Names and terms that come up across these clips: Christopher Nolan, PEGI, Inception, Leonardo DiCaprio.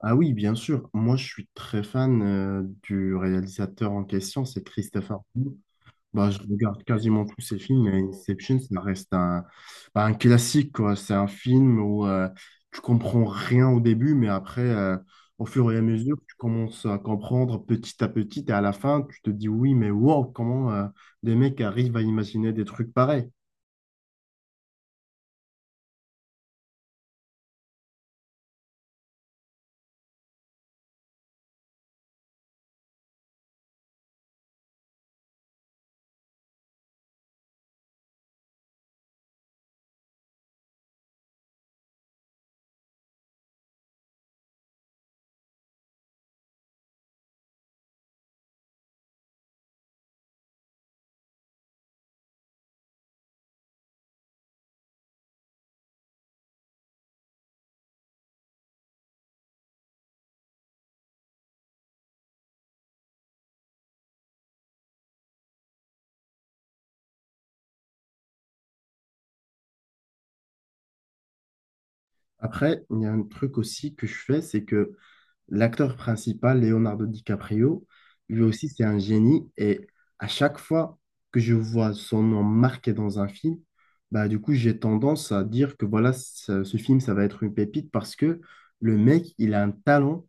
Ah oui, bien sûr. Moi, je suis très fan du réalisateur en question, c'est Christopher Nolan. Bah, je regarde quasiment tous ses films, mais Inception, ça reste un, bah, un classique, quoi. C'est un film où tu comprends rien au début, mais après, au fur et à mesure, tu commences à comprendre petit à petit, et à la fin, tu te dis oui, mais wow, comment des mecs arrivent à imaginer des trucs pareils. Après, il y a un truc aussi que je fais, c'est que l'acteur principal, Leonardo DiCaprio, lui aussi, c'est un génie. Et à chaque fois que je vois son nom marqué dans un film, bah, du coup, j'ai tendance à dire que voilà, ce film, ça va être une pépite parce que le mec, il a un talent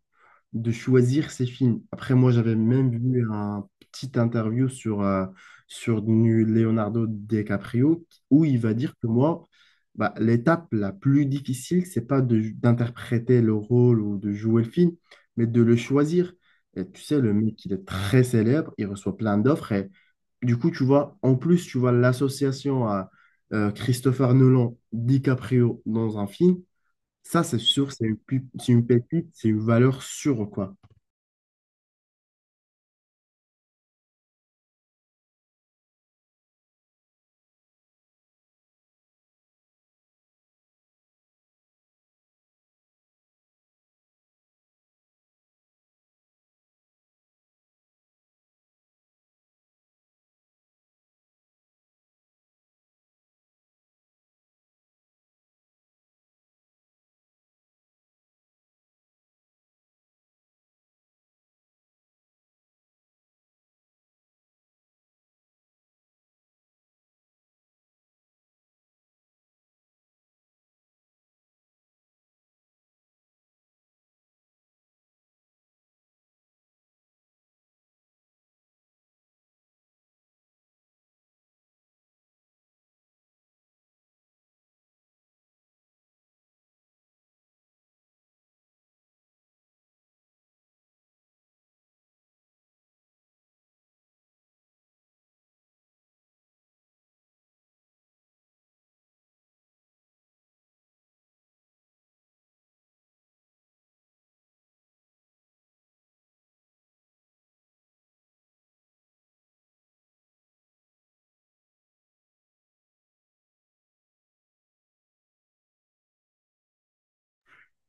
de choisir ses films. Après, moi, j'avais même vu un petit interview sur, sur Leonardo DiCaprio où il va dire que moi, bah, l'étape la plus difficile, c'est pas de- d'interpréter le rôle ou de jouer le film, mais de le choisir. Et tu sais, le mec, il est très célèbre, il reçoit plein d'offres et du coup, tu vois, en plus, tu vois l'association à Christopher Nolan, DiCaprio dans un film, ça, c'est sûr, c'est une, c'est une pépite, c'est une valeur sûre, quoi.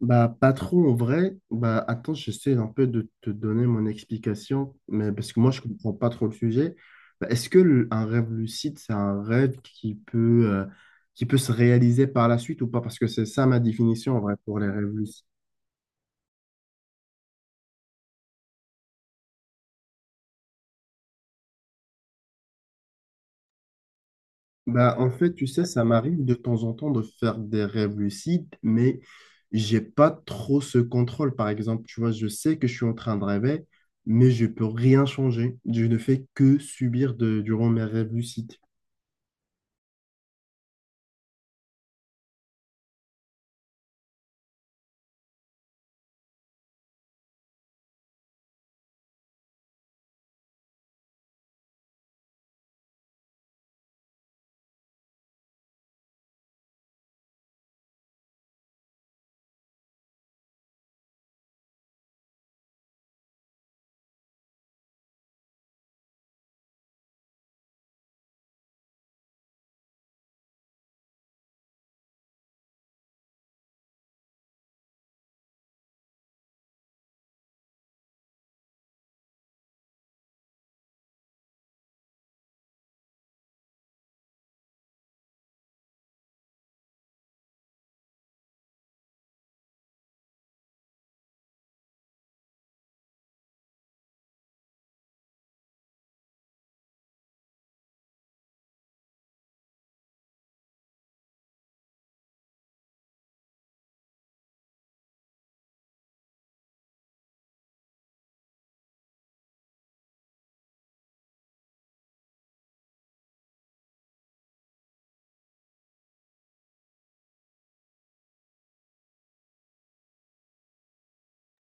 Bah, pas trop en vrai. Bah, attends, j'essaie un peu de te donner mon explication, mais parce que moi, je comprends pas trop le sujet. Bah, est-ce que un rêve lucide, c'est un rêve qui peut se réaliser par la suite ou pas? Parce que c'est ça ma définition en vrai pour les rêves lucides. Bah, en fait, tu sais, ça m'arrive de temps en temps de faire des rêves lucides, mais j'ai pas trop ce contrôle. Par exemple, tu vois, je sais que je suis en train de rêver, mais je peux rien changer. Je ne fais que subir de, durant mes rêves lucides.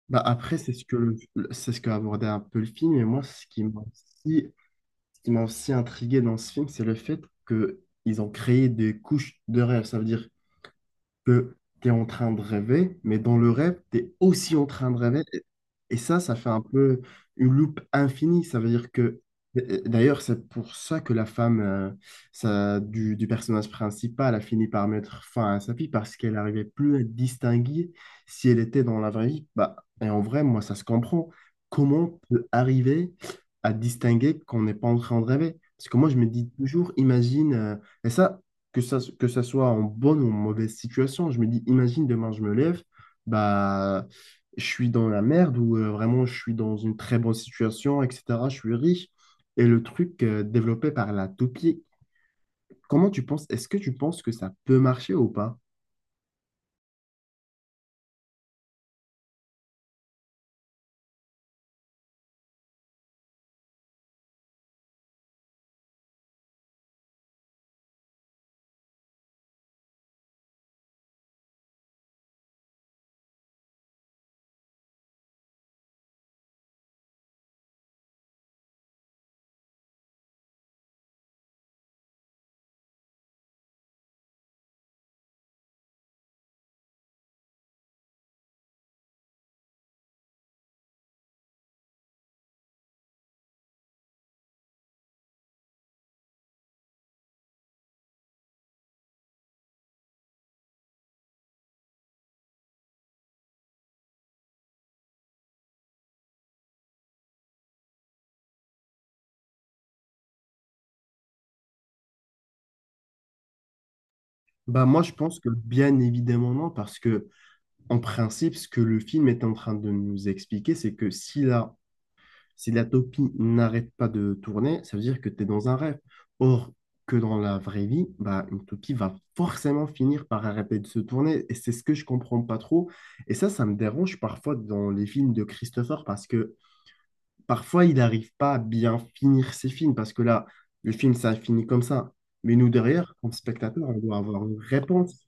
Bah après, c'est ce que c'est ce qu'a abordé un peu le film. Et moi, ce qui m'a aussi, ce qui m'a aussi intrigué dans ce film, c'est le fait que ils ont créé des couches de rêve. Ça veut dire que tu es en train de rêver, mais dans le rêve, tu es aussi en train de rêver. Et ça, ça fait un peu une loupe infinie. Ça veut dire que, d'ailleurs, c'est pour ça que la femme ça, du personnage principal a fini par mettre fin à sa vie, parce qu'elle n'arrivait plus à distinguer si elle était dans la vraie vie. Bah, et en vrai, moi, ça se comprend. Comment on peut arriver à distinguer qu'on n'est pas en train de rêver? Parce que moi, je me dis toujours, imagine, et ça, que ça soit en bonne ou en mauvaise situation. Je me dis, imagine demain, je me lève, bah, je suis dans la merde ou vraiment je suis dans une très bonne situation, etc. Je suis riche. Et le truc développé par la toupie, comment tu penses, est-ce que tu penses que ça peut marcher ou pas? Bah, moi, je pense que bien évidemment non, parce que en principe, ce que le film est en train de nous expliquer, c'est que si là, si la toupie n'arrête pas de tourner, ça veut dire que tu es dans un rêve. Or, que dans la vraie vie, bah, une toupie va forcément finir par arrêter de se tourner. Et c'est ce que je comprends pas trop. Et ça me dérange parfois dans les films de Christopher parce que parfois, il n'arrive pas à bien finir ses films. Parce que là, le film, ça finit comme ça. Mais nous, derrière, comme spectateurs, on doit avoir une réponse.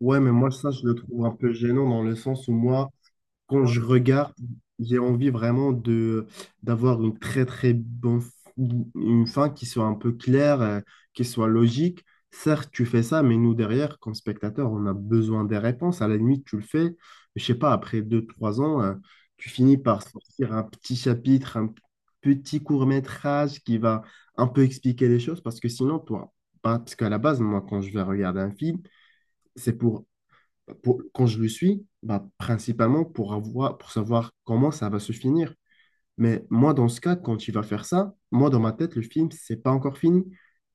Ouais, mais moi, ça, je le trouve un peu gênant dans le sens où moi, quand ouais, je regarde, j'ai envie vraiment de d'avoir une très très bonne une fin qui soit un peu claire, qui soit logique. Certes, tu fais ça, mais nous derrière, comme spectateurs, on a besoin des réponses. À la limite, tu le fais, je sais pas, après deux, trois ans, tu finis par sortir un petit chapitre, un petit court-métrage qui va un peu expliquer les choses, parce que sinon, toi, parce qu'à la base, moi, quand je vais regarder un film, c'est pour quand je le suis, bah, principalement pour avoir, pour savoir comment ça va se finir. Mais moi, dans ce cas, quand il va faire ça, moi, dans ma tête, le film, c'est pas encore fini.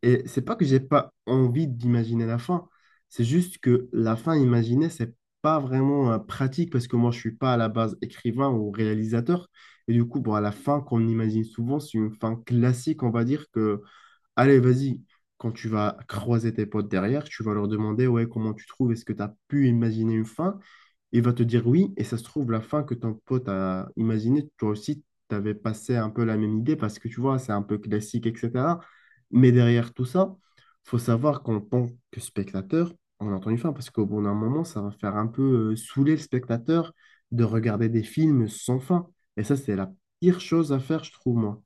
Et c'est pas que j'ai pas envie d'imaginer la fin. C'est juste que la fin imaginée, c'est pas vraiment pratique parce que moi, je suis pas à la base écrivain ou réalisateur. Et du coup, bon, à la fin qu'on imagine souvent, c'est une fin classique, on va dire, que allez, vas-y. Quand tu vas croiser tes potes derrière, tu vas leur demander, ouais, comment tu trouves, est-ce que tu as pu imaginer une fin? Il va te dire oui, et ça se trouve, la fin que ton pote a imaginée, toi aussi, tu avais passé un peu la même idée parce que tu vois, c'est un peu classique, etc. Mais derrière tout ça, faut savoir qu'en tant que spectateur, on entend une fin parce qu'au bout d'un moment, ça va faire un peu saouler le spectateur de regarder des films sans fin. Et ça, c'est la pire chose à faire, je trouve, moi.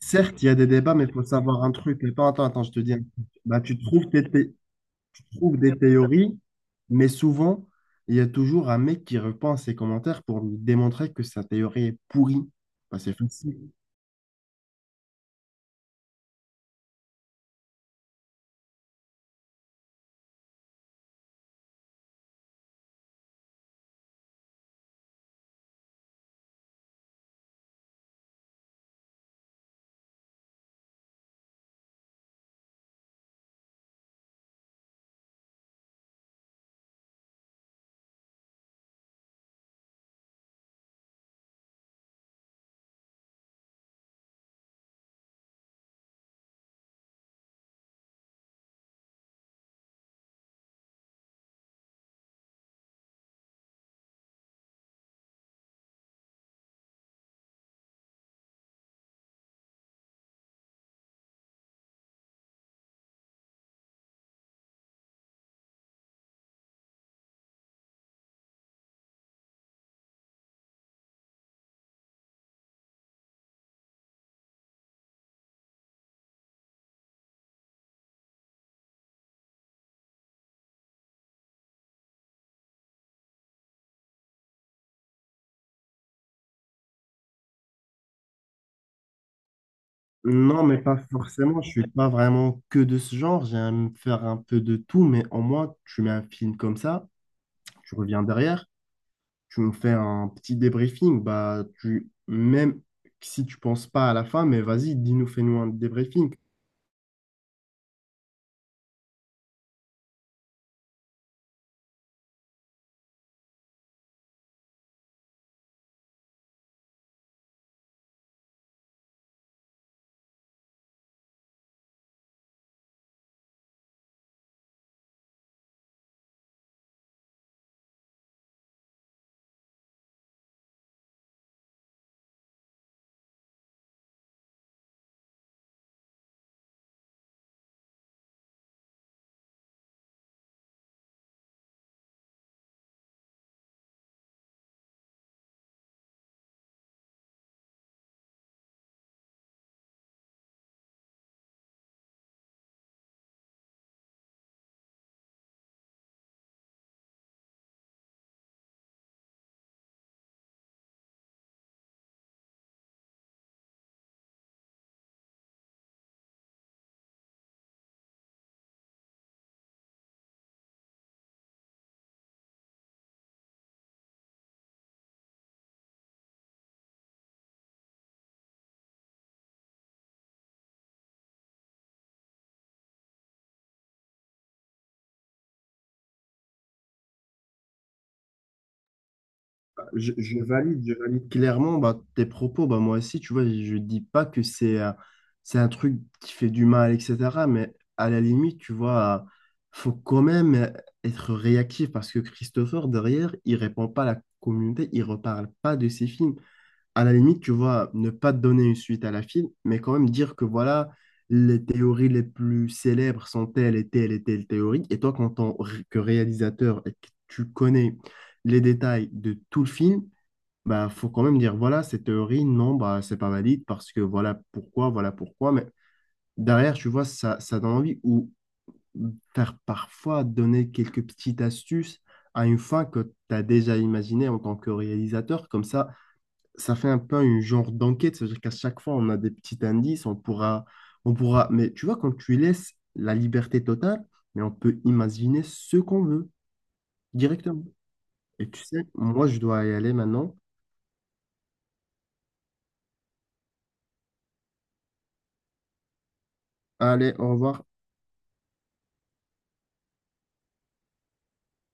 Certes, il y a des débats, mais il faut savoir un truc. Mais attends, attends, je te dis un truc. Bah, tu trouves tes thé- tu trouves des théories, mais souvent, il y a toujours un mec qui reprend ses commentaires pour lui démontrer que sa théorie est pourrie. Bah, c'est facile. Non, mais pas forcément. Je suis pas vraiment que de ce genre. J'aime faire un peu de tout, mais au moins, tu mets un film comme ça, tu reviens derrière, tu me fais un petit débriefing. Bah, tu, même si tu penses pas à la fin, mais vas-y, dis-nous, fais-nous un débriefing. Je valide, je valide clairement bah, tes propos. Bah, moi aussi, tu vois, je dis pas que c'est un truc qui fait du mal, etc. Mais à la limite, tu vois, faut quand même être réactif parce que Christopher, derrière, il répond pas à la communauté, il reparle pas de ses films à la limite, tu vois, ne pas donner une suite à la film, mais quand même dire que voilà, les théories les plus célèbres sont telles et telles et telles théories. Et toi, quand que réalisateur et que tu connais les détails de tout le film, bah, faut quand même dire voilà, cette théorie, non, bah, c'est pas valide parce que voilà pourquoi, voilà pourquoi. Mais derrière, tu vois, ça donne envie ou faire parfois donner quelques petites astuces à une fin que tu as déjà imaginée en tant que réalisateur. Comme ça fait un peu un genre d'enquête, c'est-à-dire qu'à chaque fois, on a des petits indices, on pourra, mais tu vois, quand tu laisses la liberté totale, mais on peut imaginer ce qu'on veut directement. Et tu sais, moi, je dois y aller maintenant. Allez, au revoir.